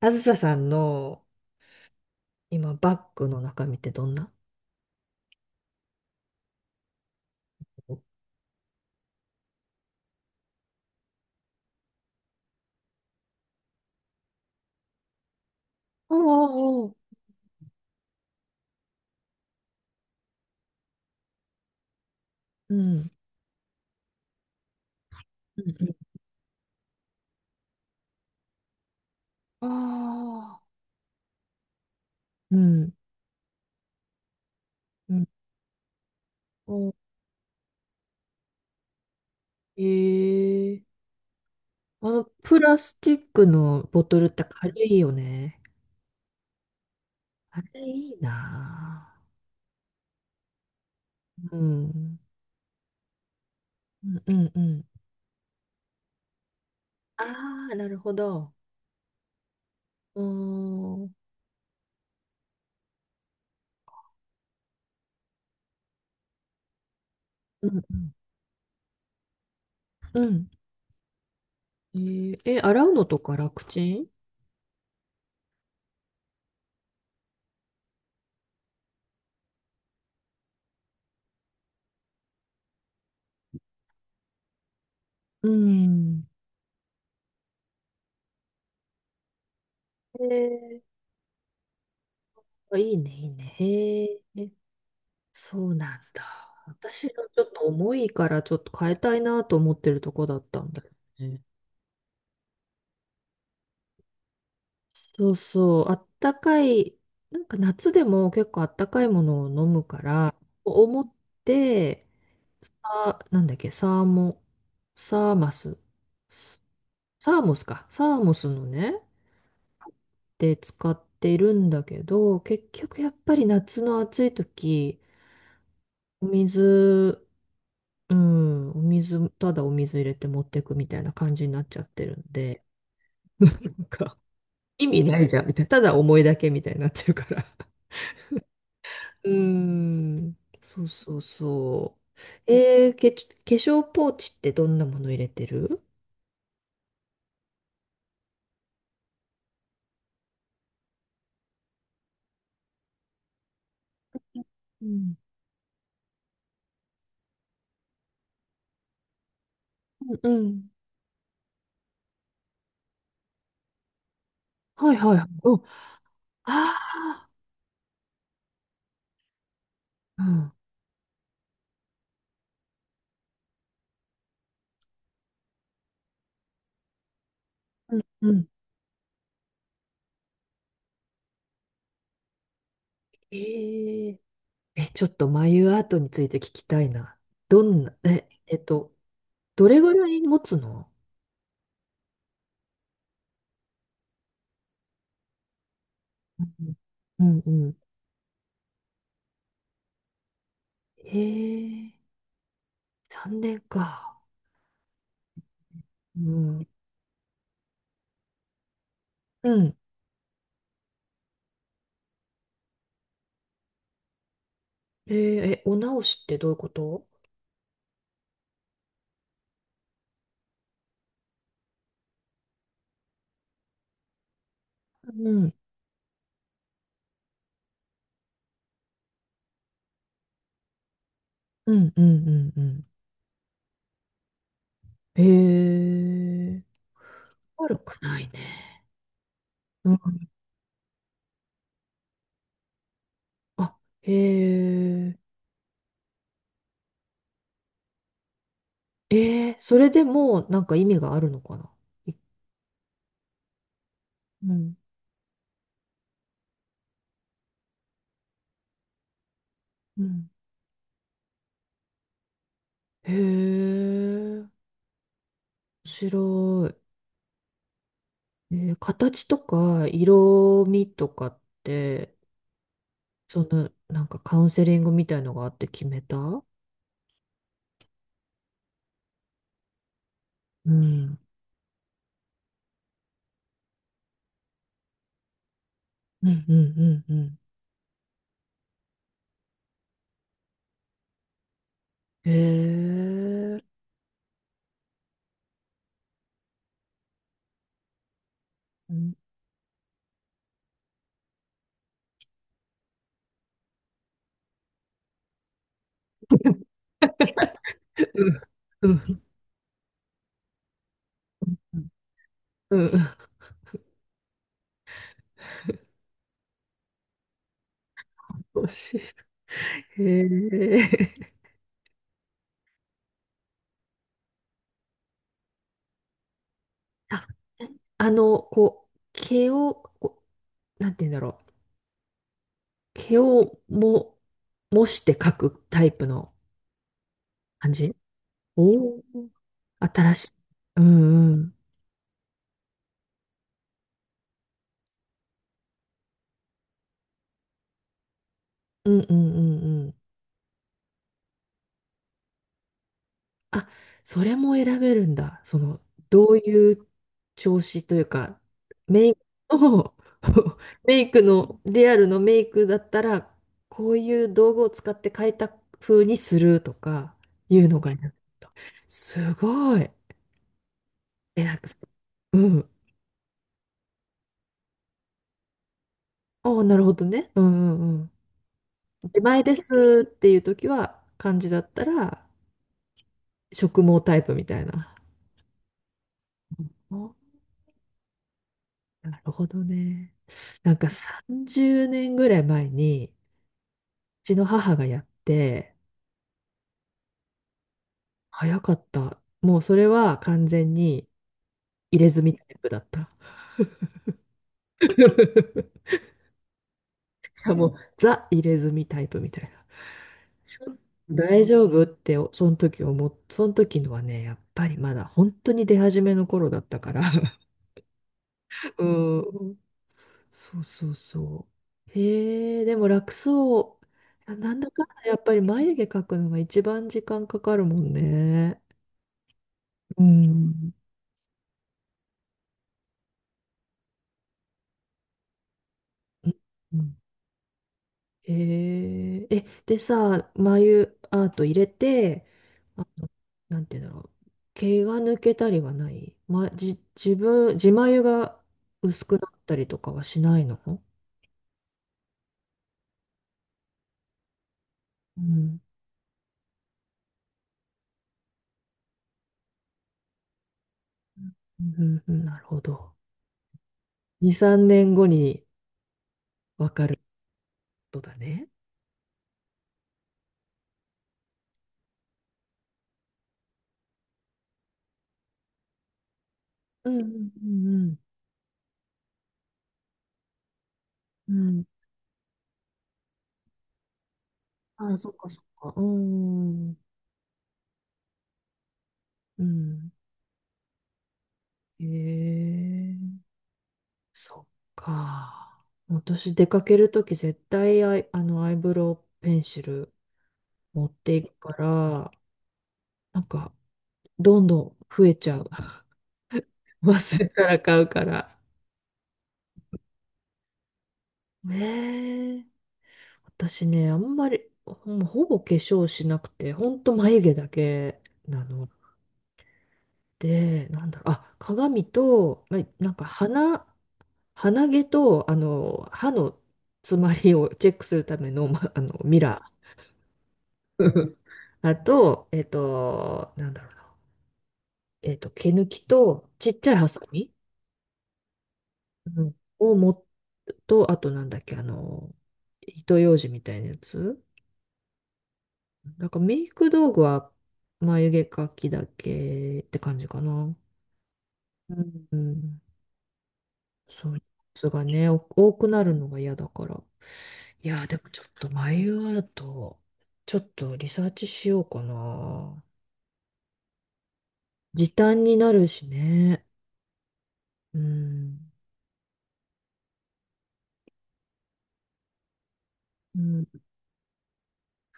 あずささんの今バッグの中身ってどんな？おう、おう、うん。うん、ああー、うん。うん、お、ええ、プラスチックのボトルって軽いよね。あれいいなぁ。うん。うんうんうん。ああ、なるほど。うーん。うんうんうん。ええ、洗うのとか楽ちん？うん。ええ、あ、いいね、いいね。へえ。そうなんだ。私のちょっと重いからちょっと変えたいなと思ってるとこだったんだよね。そうそう、あったかい、なんか夏でも結構あったかいものを飲むから、思って、さ、なんだっけ、サーモ、サーマス、サーモスか、サーモスのね、で使っているんだけど、結局やっぱり夏の暑い時、お水、うん、お水、ただお水入れて持ってくみたいな感じになっちゃってるんで、なんか意味ないじゃんみたいな、ただ思いだけみたいになってるから。うーん、そうそうそう。化粧ポーチってどんなもの入れてる？うん。うんうん。はいはいはい。うん。ああ。うんうん。うん。えー、ちょっと眉アートについて聞きたいな。どんな、え、えっと、どれぐらい持つの？うんうんうん。へえ、3年か。うん。うん。えーえ、お直しってどういうこと？うん。うん。うん。うん。うん。へえ、悪くないね。うん、あ、へえ、それでもうなんか意味があるのかない？うんうん。へえ、面白い。形とか色味とかって、そのなんかカウンセリングみたいのがあって決めた？うんうんうんうんうん。へえ。うん。うん。うん。面白い。へえ。あ、こう、毛を、こう、なんて言うんだろう。毛をも、模して描くタイプの感じ？おおー、新しい。うんうん。うんうんうんうん。あ、それも選べるんだ。その、どういう調子というか、メイクの、メイクの、リアルのメイクだったら、こういう道具を使って変えた風にするとか、いうのが選べると。すごい。なんか、うん。ああ、なるほどね。うんうんうん。自前ですっていう時は、漢字だったら、植毛タイプみたいな。お、なるほどね。なんか30年ぐらい前に、ちの母がやって、早かった。もうそれは完全に入れ墨タイプだった。しかもうザ入れ墨タイプみたいな。大丈夫ってその時思っ、その時のはね、やっぱりまだ本当に出始めの頃だったから。うん。そうそうそう。へえ、でも楽そう。なんだかんだやっぱり眉毛描くのが一番時間かかるもんね。うん。うん。へえ、でさ、眉アート入れて、あの、なんていうんだろう、毛が抜けたりはない、ま、じ、自分、自眉が薄くなったりとかはしないの？うん。うんうんうん、なるほど。2、3年後にわかることだね。うんうんうんうん。うん。ああ、そっかそっか。うん。うん。へえ。そっか。私出かけるとき絶対アイブロウペンシル持っていくから、なんかどんどん増えちゃう。忘れたら買うから。ねえ。私ね、あんまりほぼ化粧しなくて、ほんと眉毛だけなので、なんだろう、あ、鏡と、なんか鼻、鼻毛と、歯の詰まりをチェックするための、ミラー。あと、なんだろうな。毛抜きと、ちっちゃいハサミ、うんを持っと、あとなんだっけ、糸ようじみたいなやつ。なんかメイク道具は眉毛描きだけって感じかな。うん。うん。そういうやつがね、多くなるのが嫌だから。いやー、でもちょっと眉アート、ちょっとリサーチしようかな。時短になるしね。うん。うん。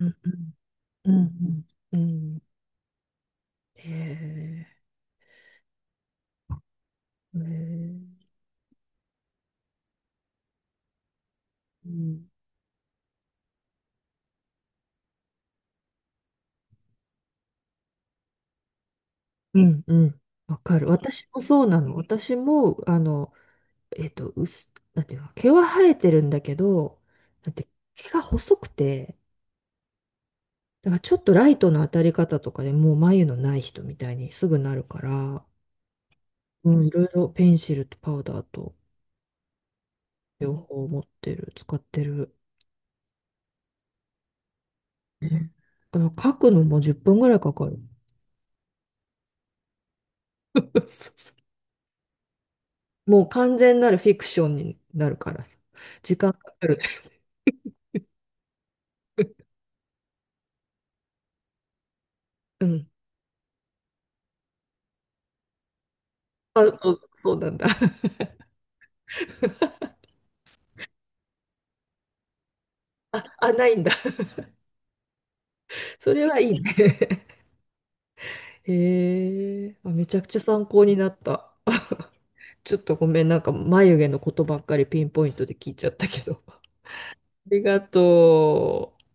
うんうんうんうん。へえ、へえ、うん。うんうん。わかる。私もそうなの。私も、なんていうの、毛は生えてるんだけど、なんて、毛が細くて、だからちょっとライトの当たり方とかでもう眉のない人みたいにすぐなるから、うん、いろいろペンシルとパウダーと両方持ってる、使ってる。うん、だから書くのも10分ぐらいかかる。もう完全なるフィクションになるからさ。時間かかる。うん。あ、そう、そうなんだ。あ、あ、ないんだ。それはいいね。へえ、あ、めちゃくちゃ参考になった。ちょっとごめん、なんか眉毛のことばっかりピンポイントで聞いちゃったけど。ありがとう。